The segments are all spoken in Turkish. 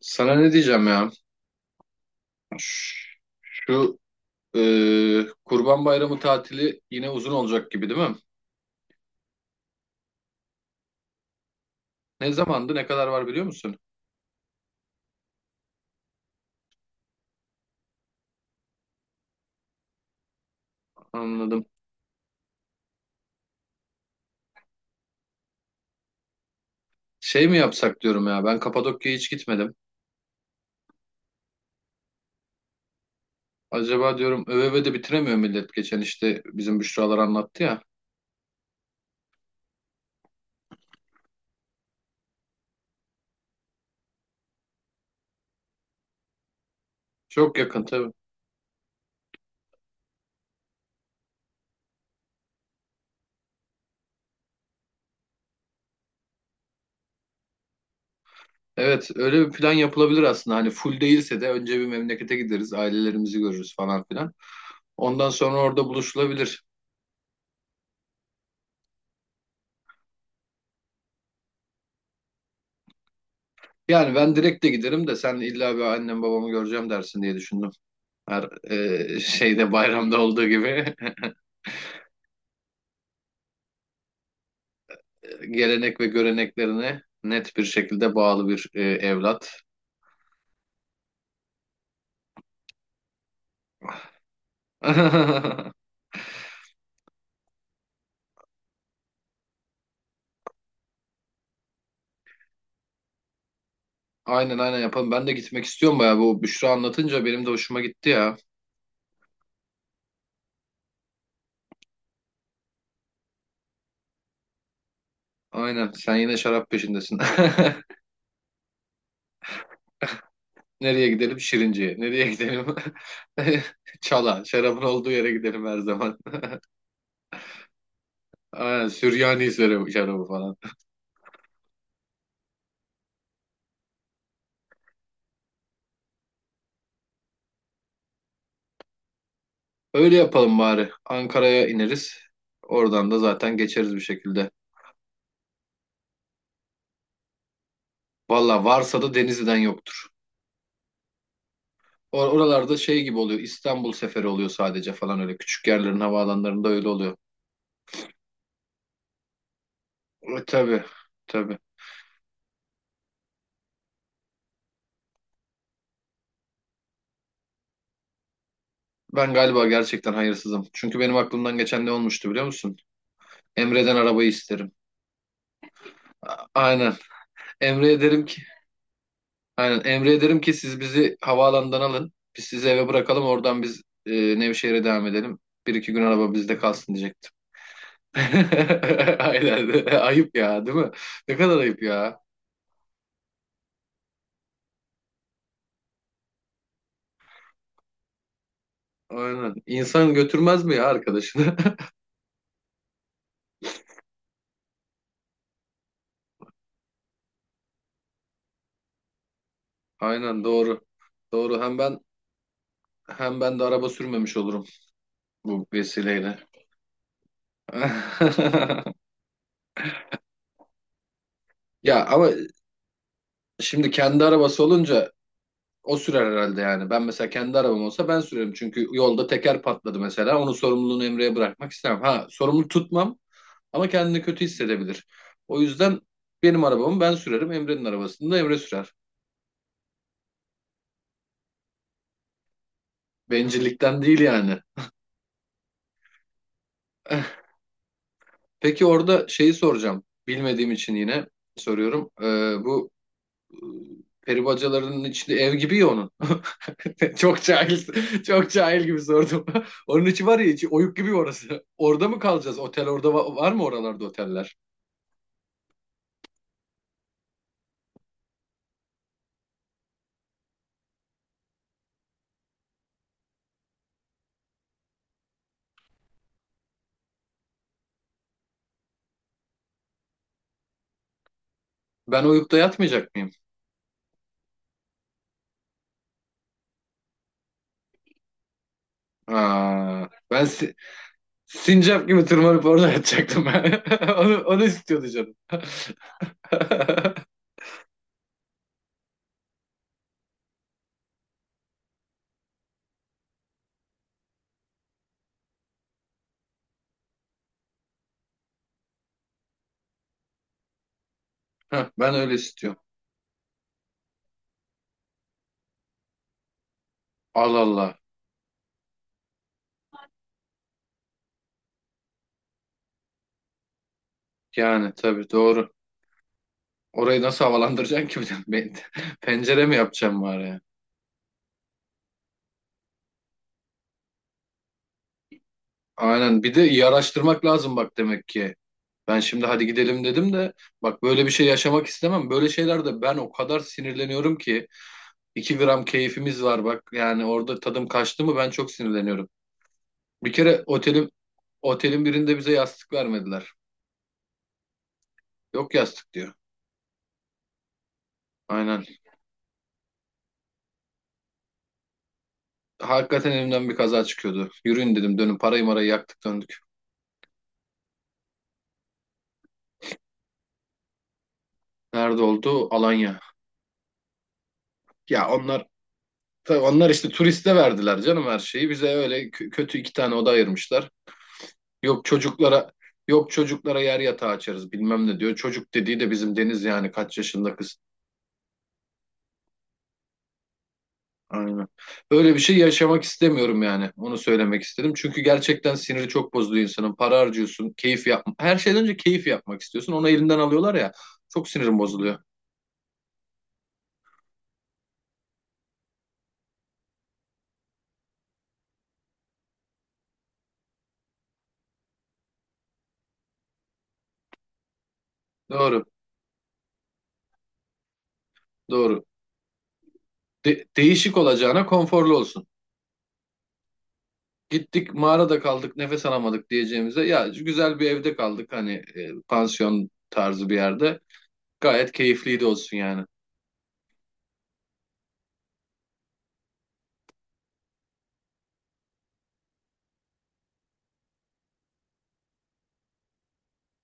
Sana ne diyeceğim ya? Şu e, Kurban Bayramı tatili yine uzun olacak gibi değil mi? Ne zamandı, ne kadar var biliyor musun? Anladım. Şey mi yapsak diyorum ya. Ben Kapadokya'ya hiç gitmedim. Acaba diyorum öve de bitiremiyor millet geçen işte bizim Büşralar anlattı ya. Çok yakın tabii. Evet, öyle bir plan yapılabilir aslında. Hani full değilse de önce bir memlekete gideriz, ailelerimizi görürüz falan filan. Ondan sonra orada buluşulabilir. Yani ben direkt de giderim de sen illa bir annem babamı göreceğim dersin diye düşündüm. Her şeyde bayramda olduğu gibi gelenek ve göreneklerine net bir şekilde bağlı bir evlat. Aynen aynen yapalım. Ben de gitmek istiyorum bayağı. Bu Büşra anlatınca benim de hoşuma gitti ya. Aynen sen yine şarap peşindesin. Nereye gidelim? Şirince'ye. Nereye gidelim? Çala. Şarabın olduğu yere gidelim her zaman. Aynen Süryani şarabı falan. Öyle yapalım bari. Ankara'ya ineriz. Oradan da zaten geçeriz bir şekilde. Valla varsa da Denizli'den yoktur. Oralarda şey gibi oluyor. İstanbul seferi oluyor sadece falan öyle. Küçük yerlerin havaalanlarında öyle oluyor. E, tabii. Tabii. Ben galiba gerçekten hayırsızım. Çünkü benim aklımdan geçen ne olmuştu biliyor musun? Emre'den arabayı isterim. Aynen. Emre'ye derim ki aynen. Emre'ye derim ki siz bizi havaalanından alın. Biz sizi eve bırakalım. Oradan biz Nevşehir'e devam edelim. Bir iki gün araba bizde kalsın diyecektim. Aynen. Ayıp ya değil mi? Ne kadar ayıp ya. Aynen. İnsan götürmez mi ya arkadaşını? Aynen doğru. Doğru. Hem ben de araba sürmemiş olurum bu vesileyle. Ya ama şimdi kendi arabası olunca o sürer herhalde yani. Ben mesela kendi arabam olsa ben sürerim. Çünkü yolda teker patladı mesela. Onun sorumluluğunu Emre'ye bırakmak istemem. Ha, sorumlu tutmam ama kendini kötü hissedebilir. O yüzden benim arabamı ben sürerim. Emre'nin arabasını da Emre sürer. Bencillikten değil yani. Peki orada şeyi soracağım. Bilmediğim için yine soruyorum. Bu peri bacalarının içinde ev gibi ya onun. Çok cahil, çok cahil gibi sordum. Onun içi var ya içi oyuk gibi orası. Orada mı kalacağız? Otel orada var mı oralarda oteller? Ben oyukta yatmayacak mıyım? Aa, ben si- sincap gibi tırmanıp orada yatacaktım ben. Onu istiyordu canım. Heh, ben öyle istiyorum. Allah Allah. Yani tabii doğru. Orayı nasıl havalandıracaksın ki bir de? Ben- Pencere mi yapacağım bari? Aynen. Bir de iyi araştırmak lazım bak demek ki. Ben şimdi hadi gidelim dedim de bak böyle bir şey yaşamak istemem. Böyle şeylerde ben o kadar sinirleniyorum ki 2 gram keyfimiz var bak. Yani orada tadım kaçtı mı ben çok sinirleniyorum. Bir kere otelin birinde bize yastık vermediler. Yok yastık diyor. Aynen. Hakikaten elimden bir kaza çıkıyordu. Yürüyün dedim dönün parayı marayı yaktık döndük. Nerede oldu? Alanya. Ya onlar tabii onlar işte turiste verdiler canım her şeyi. Bize öyle kötü iki tane oda ayırmışlar. Yok çocuklara yok çocuklara yer yatağı açarız bilmem ne diyor. Çocuk dediği de bizim Deniz yani kaç yaşında kız. Aynen. Böyle bir şey yaşamak istemiyorum yani. Onu söylemek istedim. Çünkü gerçekten siniri çok bozuyor insanın. Para harcıyorsun, keyif yapma. Her şeyden önce keyif yapmak istiyorsun. Onu elinden alıyorlar ya. Çok sinirim bozuluyor. Doğru, doğru. Değişik olacağına konforlu olsun. Gittik mağarada kaldık, nefes alamadık diyeceğimize ya güzel bir evde kaldık hani pansiyon tarzı bir yerde. Gayet keyifliydi olsun yani.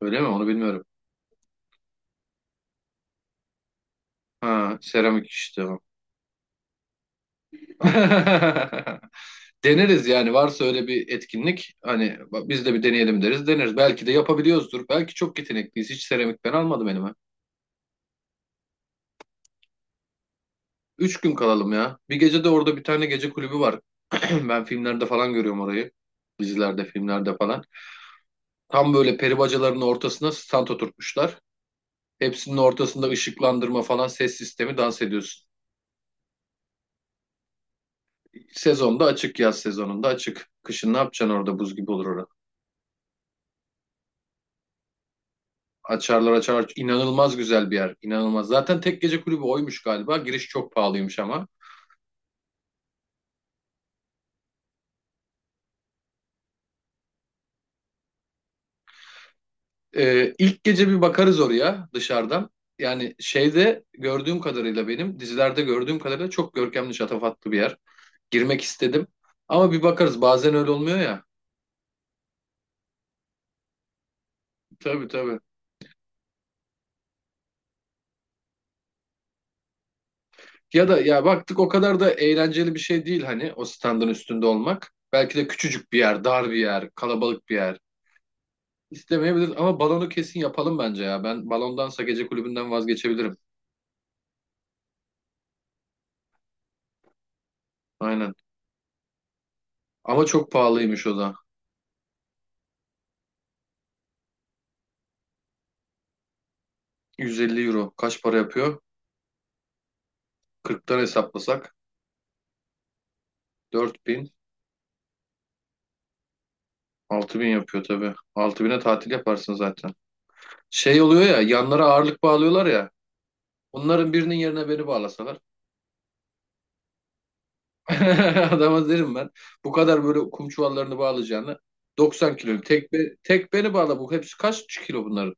Öyle mi? Onu bilmiyorum. Ha, seramik işte. O. Deneriz yani varsa öyle bir etkinlik hani bak biz de bir deneyelim deriz deneriz. Belki de yapabiliyoruzdur. Belki çok yetenekliyiz. Hiç seramik ben almadım elime. 3 gün kalalım ya. Bir gece de orada bir tane gece kulübü var. Ben filmlerde falan görüyorum orayı. Dizilerde, filmlerde falan. Tam böyle peri bacalarının ortasına stand oturtmuşlar. Hepsinin ortasında ışıklandırma falan ses sistemi dans ediyorsun. Sezonda açık, yaz sezonunda açık. Kışın ne yapacaksın orada buz gibi olur. Açarlar açarlar. İnanılmaz güzel bir yer. İnanılmaz. Zaten tek gece kulübü oymuş galiba. Giriş çok pahalıymış ama. İlk gece bir bakarız oraya dışarıdan. Yani şeyde gördüğüm kadarıyla benim dizilerde gördüğüm kadarıyla çok görkemli şatafatlı bir yer. Girmek istedim. Ama bir bakarız bazen öyle olmuyor ya. Tabii tabii. Ya da ya baktık o kadar da eğlenceli bir şey değil hani o standın üstünde olmak. Belki de küçücük bir yer, dar bir yer, kalabalık bir yer. İstemeyebiliriz ama balonu kesin yapalım bence ya. Ben balondansa gece kulübünden vazgeçebilirim. Aynen. Ama çok pahalıymış o da. 150 euro. Kaç para yapıyor? 40'tan hesaplasak 4.000, bin yapıyor tabii. 6.000'e tatil yaparsın zaten. Şey oluyor ya, yanlara ağırlık bağlıyorlar ya. Onların birinin yerine beni bağlasalar. Adama derim ben. Bu kadar böyle kum çuvallarını bağlayacağını 90 kilo. Tek beni bağla bu. Hepsi kaç kilo bunların?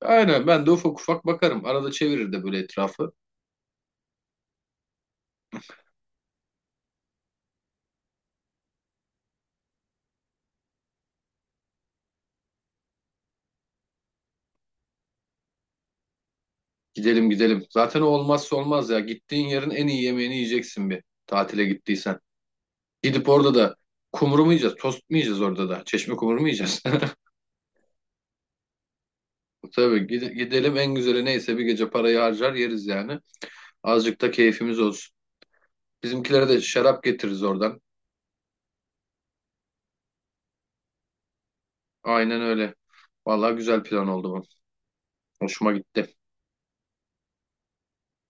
Aynen ben de ufak ufak bakarım. Arada çevirir de böyle etrafı. Gidelim gidelim. Zaten o olmazsa olmaz ya. Gittiğin yerin en iyi yemeğini yiyeceksin bir tatile gittiysen. Gidip orada da kumru mu yiyeceğiz? Tost mu yiyeceğiz orada da? Çeşme kumru mu yiyeceğiz? Tabii gidelim en güzeli neyse bir gece parayı harcar yeriz yani. Azıcık da keyfimiz olsun. Bizimkilere de şarap getiririz oradan. Aynen öyle. Vallahi güzel plan oldu bu. Hoşuma gitti.